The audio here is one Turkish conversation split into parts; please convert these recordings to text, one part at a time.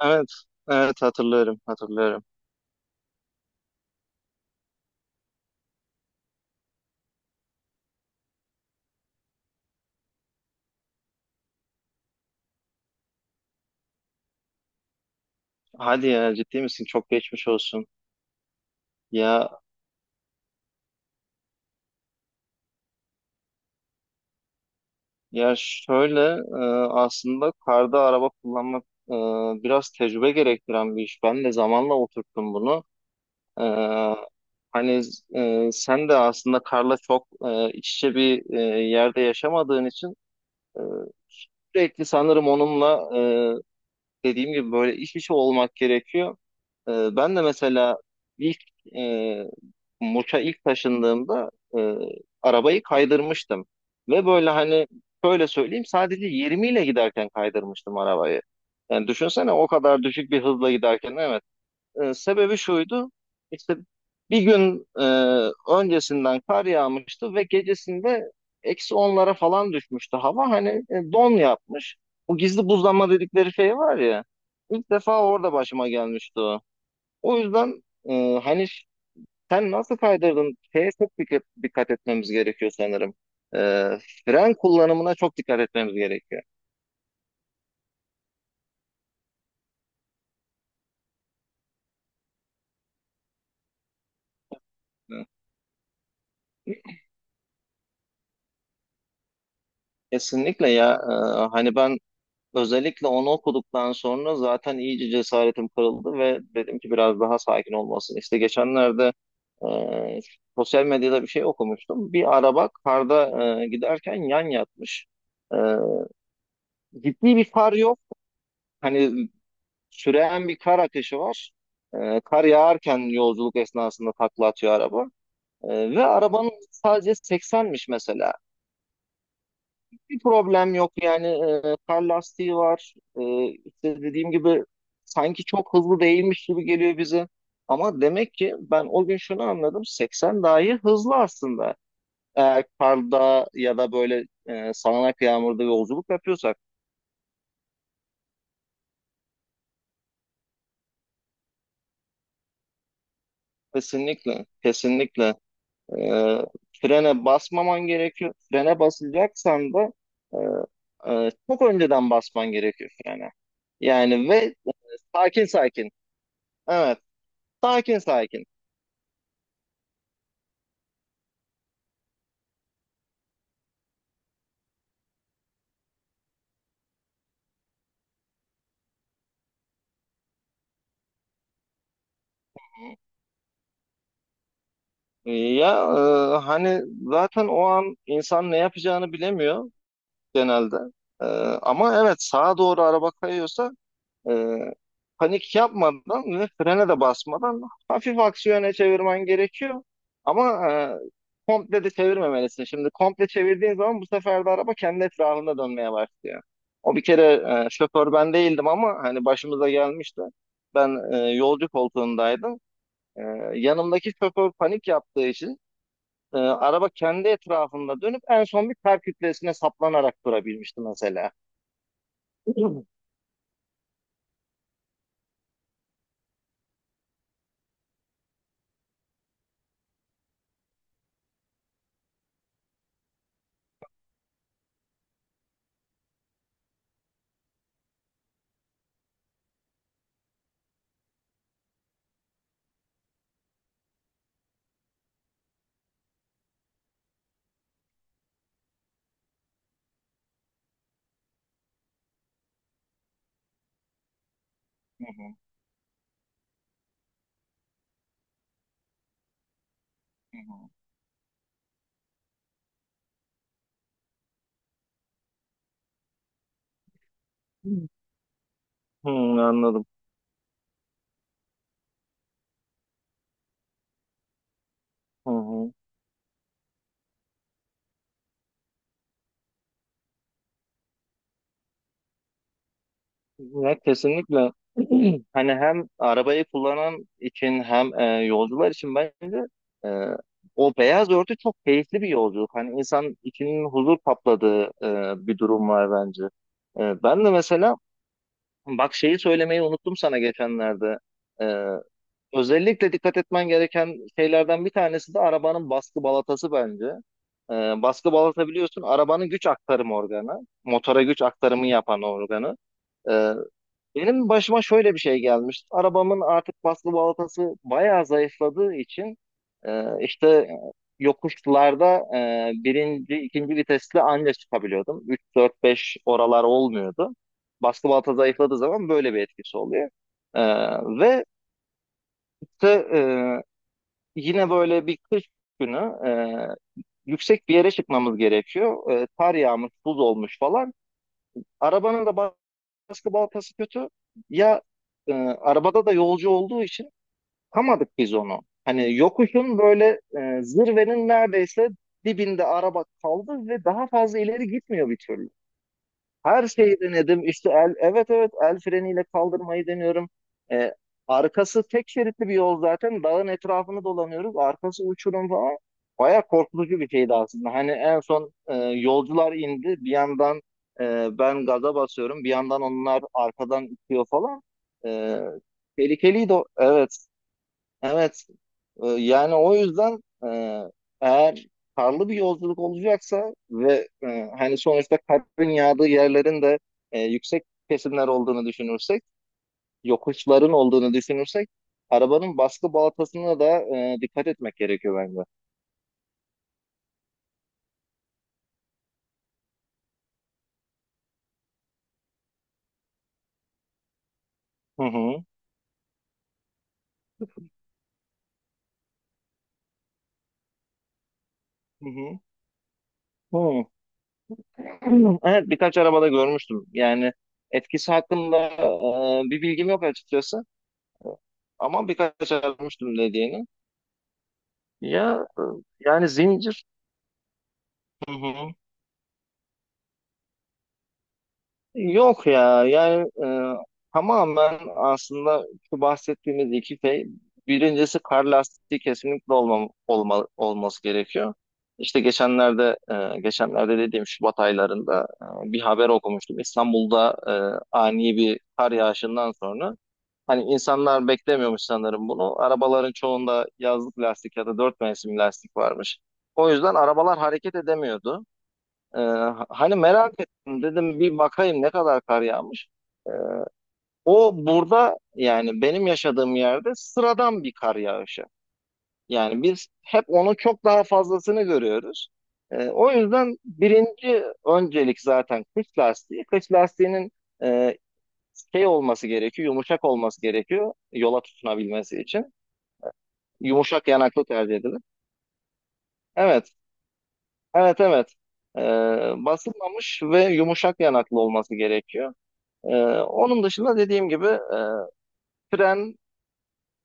Evet, evet hatırlıyorum, hatırlıyorum. Hadi ya ciddi misin? Çok geçmiş olsun. Ya ya şöyle e, aslında karda araba kullanmak e, biraz tecrübe gerektiren bir iş. Ben de zamanla oturttum bunu. E, hani sen de aslında karla çok iç içe bir yerde yaşamadığın için e, sürekli sanırım onunla dediğim gibi böyle iç içe olmak gerekiyor. Ben de mesela ilk e, Muş'a ilk taşındığımda e, arabayı kaydırmıştım. Ve böyle hani şöyle söyleyeyim, sadece 20 ile giderken kaydırmıştım arabayı. Yani düşünsene o kadar düşük bir hızla giderken, evet sebebi şuydu. İşte bir gün öncesinden kar yağmıştı ve gecesinde eksi onlara falan düşmüştü hava. Hani don yapmış. Bu gizli buzlanma dedikleri şey var ya. İlk defa orada başıma gelmişti o. O yüzden hani sen nasıl kaydırdın? Şeye çok dikkat etmemiz gerekiyor sanırım. E, fren kullanımına çok dikkat etmemiz gerekiyor. Kesinlikle ya. Hani ben özellikle onu okuduktan sonra zaten iyice cesaretim kırıldı ve dedim ki biraz daha sakin olmasın. İşte geçenlerde e, sosyal medyada bir şey okumuştum. Bir araba karda giderken yan yatmış. E, ciddi bir far yok. Hani süren bir kar akışı var. Kar yağarken yolculuk esnasında takla atıyor araba. Ve arabanın sadece 80'miş mesela. Bir problem yok yani, kar lastiği var. İşte dediğim gibi sanki çok hızlı değilmiş gibi geliyor bize ama demek ki ben o gün şunu anladım, 80 dahi hızlı aslında eğer karda ya da böyle sağanak yağmurda yolculuk yapıyorsak. Kesinlikle, kesinlikle e, frene basmaman gerekiyor. Frene basacaksan da çok önceden basman gerekiyor frene. Yani ve e, sakin sakin, evet, sakin sakin. Ya hani zaten o an insan ne yapacağını bilemiyor genelde. E, ama evet, sağa doğru araba kayıyorsa e, panik yapmadan ve frene de basmadan hafif aksiyona çevirmen gerekiyor. Ama komple de çevirmemelisin. Şimdi komple çevirdiğin zaman bu sefer de araba kendi etrafında dönmeye başlıyor. O bir kere şoför ben değildim ama hani başımıza gelmişti. Ben yolcu koltuğundaydım. Ee, yanımdaki şoför panik yaptığı için araba kendi etrafında dönüp en son bir kar kütlesine saplanarak durabilmişti mesela. Hı hı, hı hı. Hı, anladım. Hı hı. Ya kesinlikle, hani hem arabayı kullanan için hem yolcular için bence e, o beyaz örtü çok keyifli bir yolculuk. Hani insan içinin huzur kapladığı bir durum var bence. Ben de mesela, bak şeyi söylemeyi unuttum sana geçenlerde. E, Özellikle dikkat etmen gereken şeylerden bir tanesi de arabanın baskı balatası bence. Ee, baskı balata biliyorsun, arabanın güç aktarım organı. Motora güç aktarımı yapan organı. Ee, benim başıma şöyle bir şey gelmişti. Arabamın artık baskı balatası bayağı zayıfladığı için işte yokuşlarda birinci, ikinci vitesle anca çıkabiliyordum. 3 4 5 oralar olmuyordu. Baskı balata zayıfladığı zaman böyle bir etkisi oluyor. Ee, ve işte, e, yine böyle bir kış günü e, yüksek bir yere çıkmamız gerekiyor. Kar yağmış, buz olmuş falan. Arabanın da baskı baltası kötü. Ya arabada da yolcu olduğu için kamadık biz onu. Hani yokuşun böyle zirvenin neredeyse dibinde araba kaldı ve daha fazla ileri gitmiyor bir türlü. Her şeyi denedim. İşte evet evet el freniyle kaldırmayı deniyorum. Ee, arkası tek şeritli bir yol zaten. Dağın etrafını dolanıyoruz. Arkası uçurum falan. Baya korkutucu bir şeydi aslında. Hani en son yolcular indi. Bir yandan ben gaza basıyorum, bir yandan onlar arkadan itiyor falan. E, tehlikeliydi. Evet. Evet. Yani o yüzden eğer karlı bir yolculuk olacaksa ve hani sonuçta karın yağdığı yerlerin de yüksek kesimler olduğunu düşünürsek, yokuşların olduğunu düşünürsek, arabanın baskı baltasına da dikkat etmek gerekiyor bence. Hı hı. Hı hı. Hı. Evet, birkaç arabada görmüştüm. Yani etkisi hakkında bir bilgim yok açıkçası, ama birkaç arabada görmüştüm dediğini. Ya yani zincir. Hı hı. Yok ya, yani tamamen aslında şu bahsettiğimiz iki şey: birincisi kar lastiği kesinlikle olması gerekiyor. İşte geçenlerde, geçenlerde dediğim Şubat aylarında bir haber okumuştum. İstanbul'da ani bir kar yağışından sonra hani insanlar beklemiyormuş sanırım bunu. Arabaların çoğunda yazlık lastik ya da dört mevsim lastik varmış. O yüzden arabalar hareket edemiyordu. Ee, hani merak ettim, dedim bir bakayım ne kadar kar yağmış. Ee, o burada, yani benim yaşadığım yerde sıradan bir kar yağışı. Yani biz hep onun çok daha fazlasını görüyoruz. O yüzden birinci öncelik zaten kış lastiği. Kış lastiğinin e, şey olması gerekiyor, yumuşak olması gerekiyor yola tutunabilmesi için. Yumuşak yanaklı tercih edilir. Evet, evet, evet. Basılmamış ve yumuşak yanaklı olması gerekiyor. Ee, onun dışında dediğim gibi, fren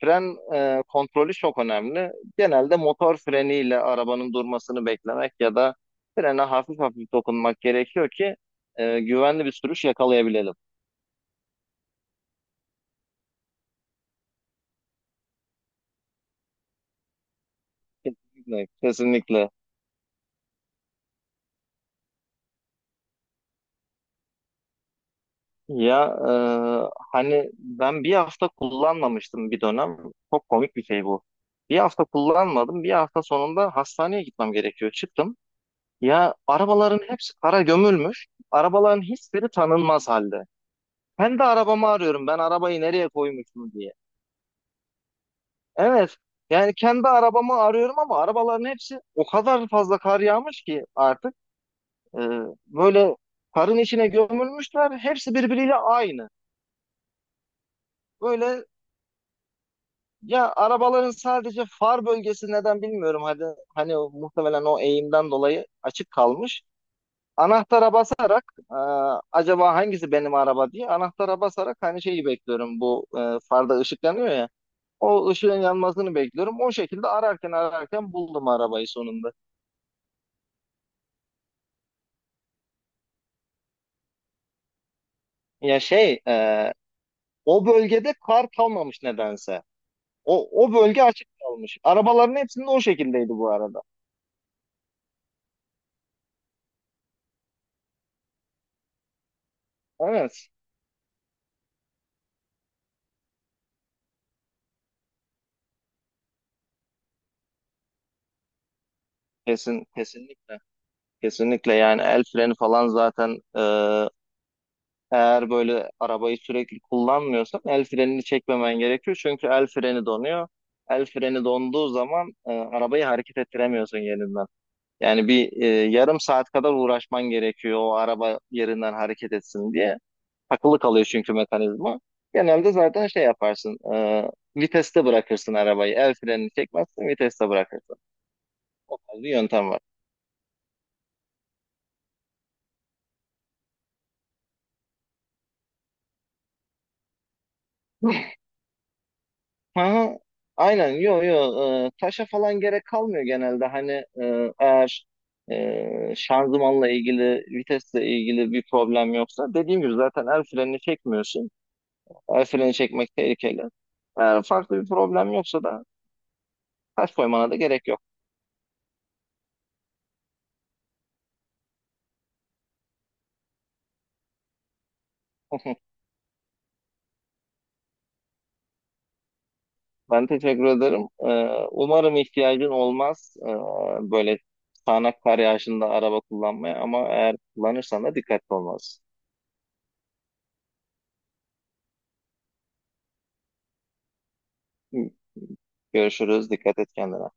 fren kontrolü çok önemli. Genelde motor freniyle arabanın durmasını beklemek ya da frene hafif hafif dokunmak gerekiyor ki güvenli bir sürüş yakalayabilelim. Kesinlikle, kesinlikle. Ya hani ben bir hafta kullanmamıştım bir dönem. Çok komik bir şey bu. Bir hafta kullanmadım. Bir hafta sonunda hastaneye gitmem gerekiyor. Çıktım. Ya, arabaların hepsi kara gömülmüş. Arabaların hiçbiri tanınmaz halde. Ben de arabamı arıyorum, ben arabayı nereye koymuşum diye. Evet. Yani kendi arabamı arıyorum ama arabaların hepsi o kadar fazla kar yağmış ki artık e, böyle karın içine gömülmüşler. Hepsi birbiriyle aynı. Böyle, ya, arabaların sadece far bölgesi, neden bilmiyorum. Hadi hani muhtemelen o eğimden dolayı açık kalmış. Anahtara basarak, e, acaba hangisi benim araba diye anahtara basarak hani şeyi bekliyorum. Bu farda ışıklanıyor ya. O ışığın yanmasını bekliyorum. O şekilde ararken ararken buldum arabayı sonunda. Ya şey, o bölgede kar kalmamış nedense. O bölge açık kalmış. Arabaların hepsinde o şekildeydi bu arada. Evet. Kesin, kesinlikle. Kesinlikle, yani el freni falan zaten eğer böyle arabayı sürekli kullanmıyorsan el frenini çekmemen gerekiyor. Çünkü el freni donuyor. El freni donduğu zaman arabayı hareket ettiremiyorsun yerinden. Yani bir yarım saat kadar uğraşman gerekiyor o araba yerinden hareket etsin diye. Takılı kalıyor çünkü mekanizma. Genelde zaten şey yaparsın, viteste bırakırsın arabayı. El frenini çekmezsin, viteste bırakırsın. O tarz bir yöntem var. Aha, aynen, yo yo, taşa falan gerek kalmıyor genelde. Hani eğer şanzımanla ilgili, vitesle ilgili bir problem yoksa dediğim gibi zaten el frenini çekmiyorsun. El freni çekmek tehlikeli. Eğer farklı bir problem yoksa da taş koymana da gerek yok. Ben teşekkür ederim. Umarım ihtiyacın olmaz, böyle sağanak kar yağışında araba kullanmaya, ama eğer kullanırsan da dikkatli olmalısın. Görüşürüz. Dikkat et kendine.